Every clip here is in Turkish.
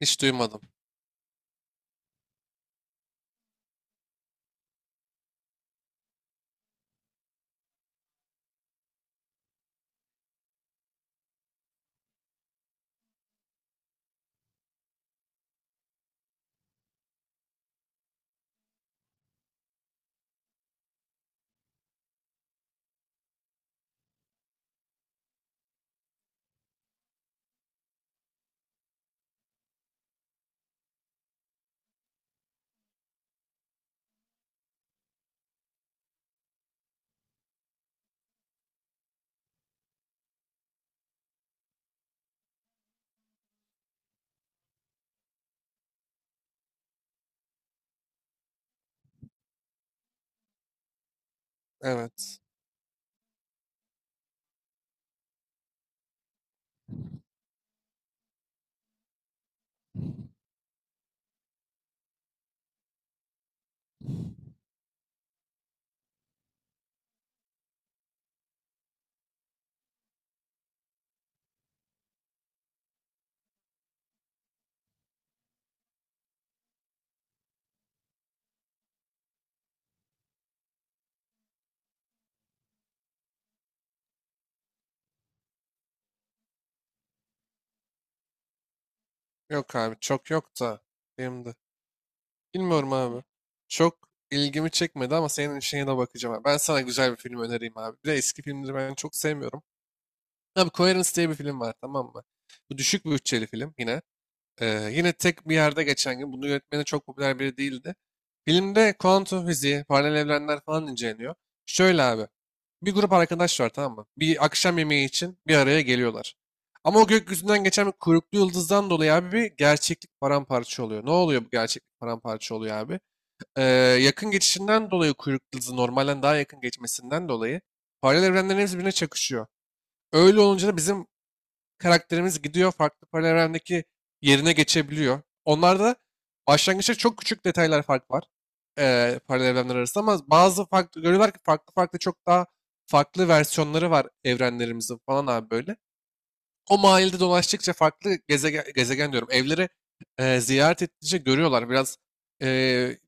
Hiç duymadım. Evet. Yok abi çok yok da benim de. Bilmiyorum abi. Çok ilgimi çekmedi ama senin işine de bakacağım abi. Ben sana güzel bir film önereyim abi. Bir de eski filmleri ben çok sevmiyorum. Abi Coherence diye bir film var tamam mı? Bu düşük bütçeli film yine. Yine tek bir yerde geçen gün, bunu yönetmeni çok popüler biri değildi. Filmde kuantum fiziği, paralel evrenler falan inceleniyor. Şöyle abi, bir grup arkadaş var tamam mı? Bir akşam yemeği için bir araya geliyorlar. Ama o gökyüzünden geçen bir kuyruklu yıldızdan dolayı abi bir gerçeklik paramparça oluyor. Ne oluyor bu gerçeklik paramparça oluyor abi? Ee, Yakın geçişinden dolayı kuyruklu yıldızın normalden daha yakın geçmesinden dolayı paralel evrenlerin hepsi birbirine çakışıyor. Öyle olunca da bizim karakterimiz gidiyor farklı paralel evrendeki yerine geçebiliyor. Onlarda başlangıçta çok küçük detaylar fark var paralel evrenler arasında ama bazı farklı görüyorlar ki farklı farklı çok daha farklı versiyonları var evrenlerimizin falan abi böyle. O mahallede dolaştıkça farklı gezegen, gezegen diyorum evleri ziyaret ettikçe görüyorlar. Biraz eee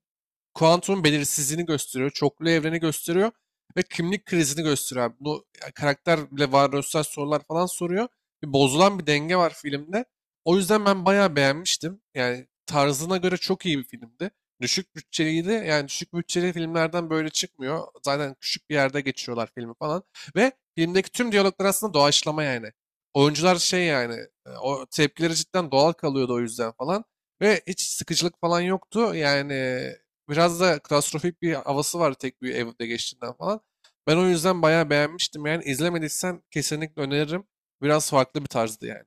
kuantum belirsizliğini gösteriyor, çoklu evreni gösteriyor ve kimlik krizini gösteriyor abi. Bunu ya, karakter bile varoluşsal sorular falan soruyor. Bir bozulan bir denge var filmde. O yüzden ben bayağı beğenmiştim. Yani tarzına göre çok iyi bir filmdi. Düşük bütçeliydi. Yani düşük bütçeli filmlerden böyle çıkmıyor. Zaten küçük bir yerde geçiyorlar filmi falan. Ve filmdeki tüm diyaloglar aslında doğaçlama yani. Oyuncular şey yani o tepkileri cidden doğal kalıyordu o yüzden falan. Ve hiç sıkıcılık falan yoktu. Yani biraz da klostrofobik bir havası var tek bir evde geçtiğinden falan. Ben o yüzden bayağı beğenmiştim yani. İzlemediysen kesinlikle öneririm. Biraz farklı bir tarzdı yani.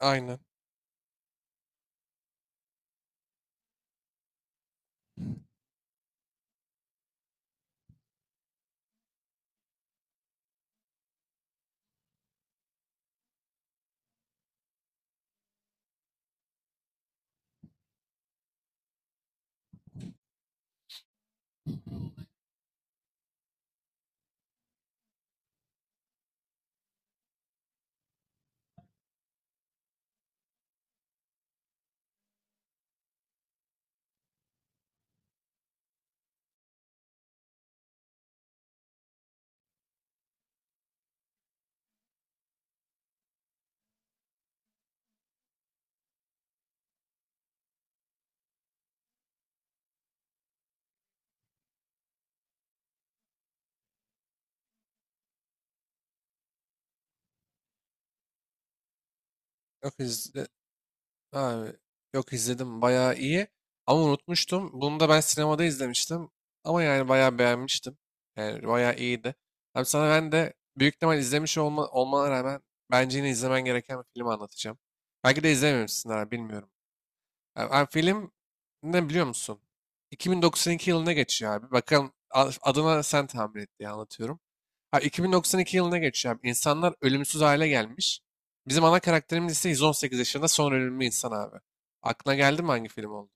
Aynen. Yok izle. Abi, yok izledim bayağı iyi ama unutmuştum. Bunu da ben sinemada izlemiştim ama yani bayağı beğenmiştim. Yani bayağı iyiydi. Abi sana ben de büyük ihtimal izlemiş olmana rağmen bence yine izlemen gereken bir film anlatacağım. Belki de izlememişsin abi bilmiyorum. Abi, abi film ne biliyor musun? 2092 yılına geçiyor abi. Bakalım adına sen tahmin et diye anlatıyorum. Ha, 2092 yılına geçiyor abi. İnsanlar ölümsüz hale gelmiş. Bizim ana karakterimiz ise 118 yaşında son ölümlü insan abi. Aklına geldi mi hangi film oldu?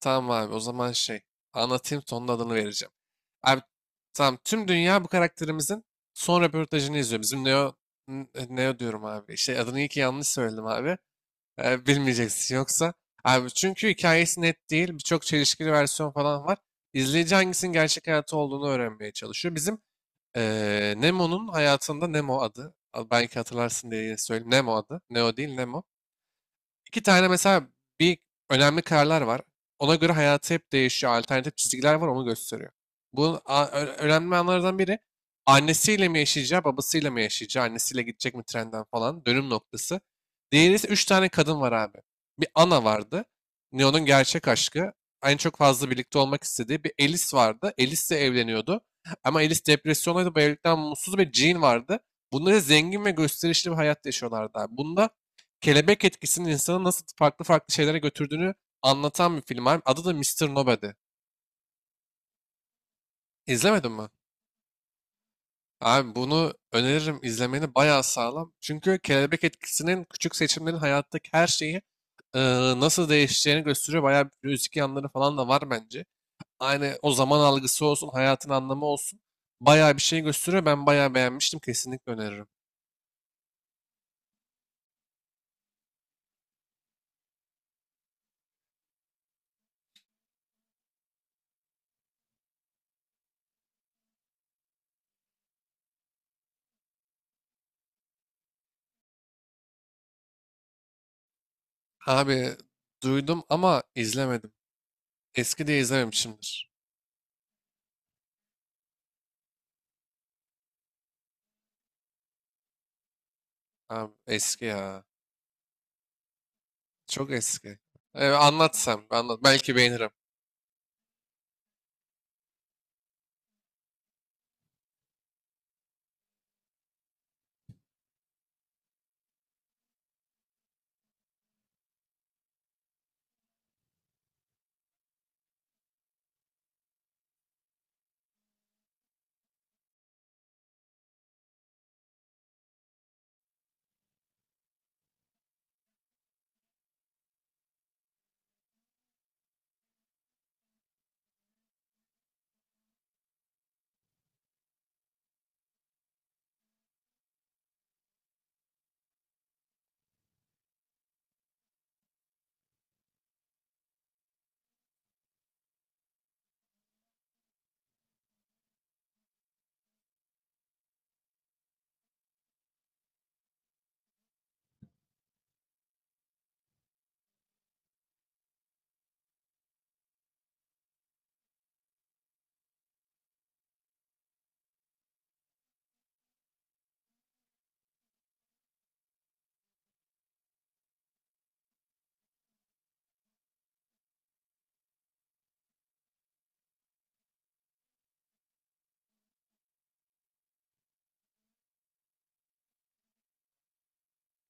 Tamam abi o zaman şey anlatayım sonun adını vereceğim. Abi tamam tüm dünya bu karakterimizin son röportajını izliyor. Bizim Neo, Neo diyorum abi. Şey adını iyi ki yanlış söyledim abi. Bilmeyeceksin yoksa. Abi çünkü hikayesi net değil. Birçok çelişkili versiyon falan var. İzleyici hangisinin gerçek hayatı olduğunu öğrenmeye çalışıyor. Bizim Nemo'nun hayatında Nemo adı. Belki hatırlarsın diye yine söyleyeyim. Nemo adı. Neo değil Nemo. İki tane mesela bir önemli kararlar var. Ona göre hayatı hep değişiyor. Alternatif çizgiler var onu gösteriyor. Bu önemli anlardan biri annesiyle mi yaşayacağı, babasıyla mı yaşayacağı, annesiyle gidecek mi trenden falan dönüm noktası. Diğeri ise üç tane kadın var abi. Bir Ana vardı. Neo'nun gerçek aşkı. En çok fazla birlikte olmak istediği bir Alice vardı. Alice de evleniyordu. Ama Alice depresyondaydı. Bu evlilikten mutsuz bir Jean vardı. Bunlar zengin ve gösterişli bir hayat yaşıyorlardı abi. Bunda kelebek etkisinin insanı nasıl farklı farklı şeylere götürdüğünü anlatan bir film abi. Adı da Mister Nobody. İzlemedin mi? Abi bunu öneririm izlemeni bayağı sağlam. Çünkü kelebek etkisinin küçük seçimlerin hayattaki her şeyi e, nasıl değişeceğini gösteriyor. Bayağı bir müzik yanları falan da var bence. Aynı o zaman algısı olsun, hayatın anlamı olsun. Bayağı bir şey gösteriyor. Ben bayağı beğenmiştim. Kesinlikle öneririm. Abi duydum ama izlemedim. Eski diye izlememişimdir. Abi eski ya. Çok eski. Anlat sen. Anlat. Belki beğenirim.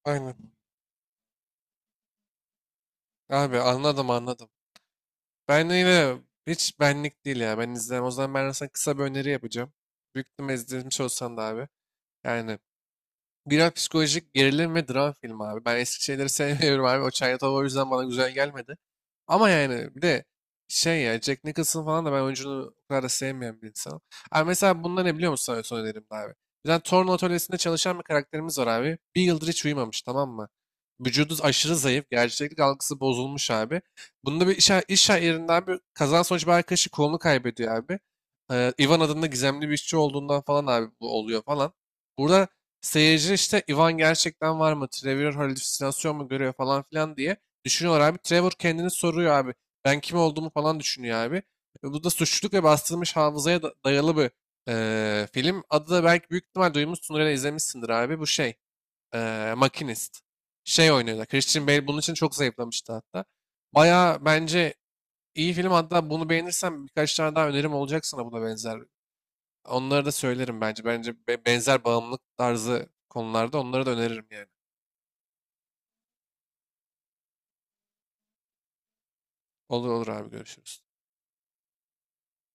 Aynen. Abi anladım anladım. Ben yine hiç benlik değil ya. Ben izlemem. O zaman ben sana kısa bir öneri yapacağım. Büyük ihtimalle izlemiş olsan da abi. Yani biraz psikolojik gerilim ve dram filmi abi. Ben eski şeyleri sevmiyorum abi. O Çayatova o yüzden bana güzel gelmedi. Ama yani bir de şey ya Jack Nicholson falan da ben oyuncunu o kadar da sevmeyen bir insanım. Abi mesela bunlar ne biliyor musun? Sana son önerim de abi. Bizden torna atölyesinde çalışan bir karakterimiz var abi. Bir yıldır hiç uyumamış tamam mı? Vücudu aşırı zayıf. Gerçeklik algısı bozulmuş abi. Bunda bir iş yerinden bir kazan sonucu bir arkadaşı kolunu kaybediyor abi. Ivan adında gizemli bir işçi olduğundan falan abi bu oluyor falan. Burada seyirci işte Ivan gerçekten var mı? Trevor halüsinasyon mu görüyor falan filan diye düşünüyorlar abi. Trevor kendini soruyor abi. Ben kim olduğumu falan düşünüyor abi. Bu da suçluluk ve bastırılmış hafızaya dayalı bir film. Adı da belki büyük ihtimal duymuşsundur ya da izlemişsindir abi. Bu şey, Makinist. Şey oynuyorlar. Christian Bale bunun için çok zayıflamıştı hatta. Baya bence iyi film hatta bunu beğenirsen birkaç tane daha önerim olacak sana buna benzer onları da söylerim bence. Bence benzer bağımlılık tarzı konularda onları da öneririm yani. Olur olur abi görüşürüz.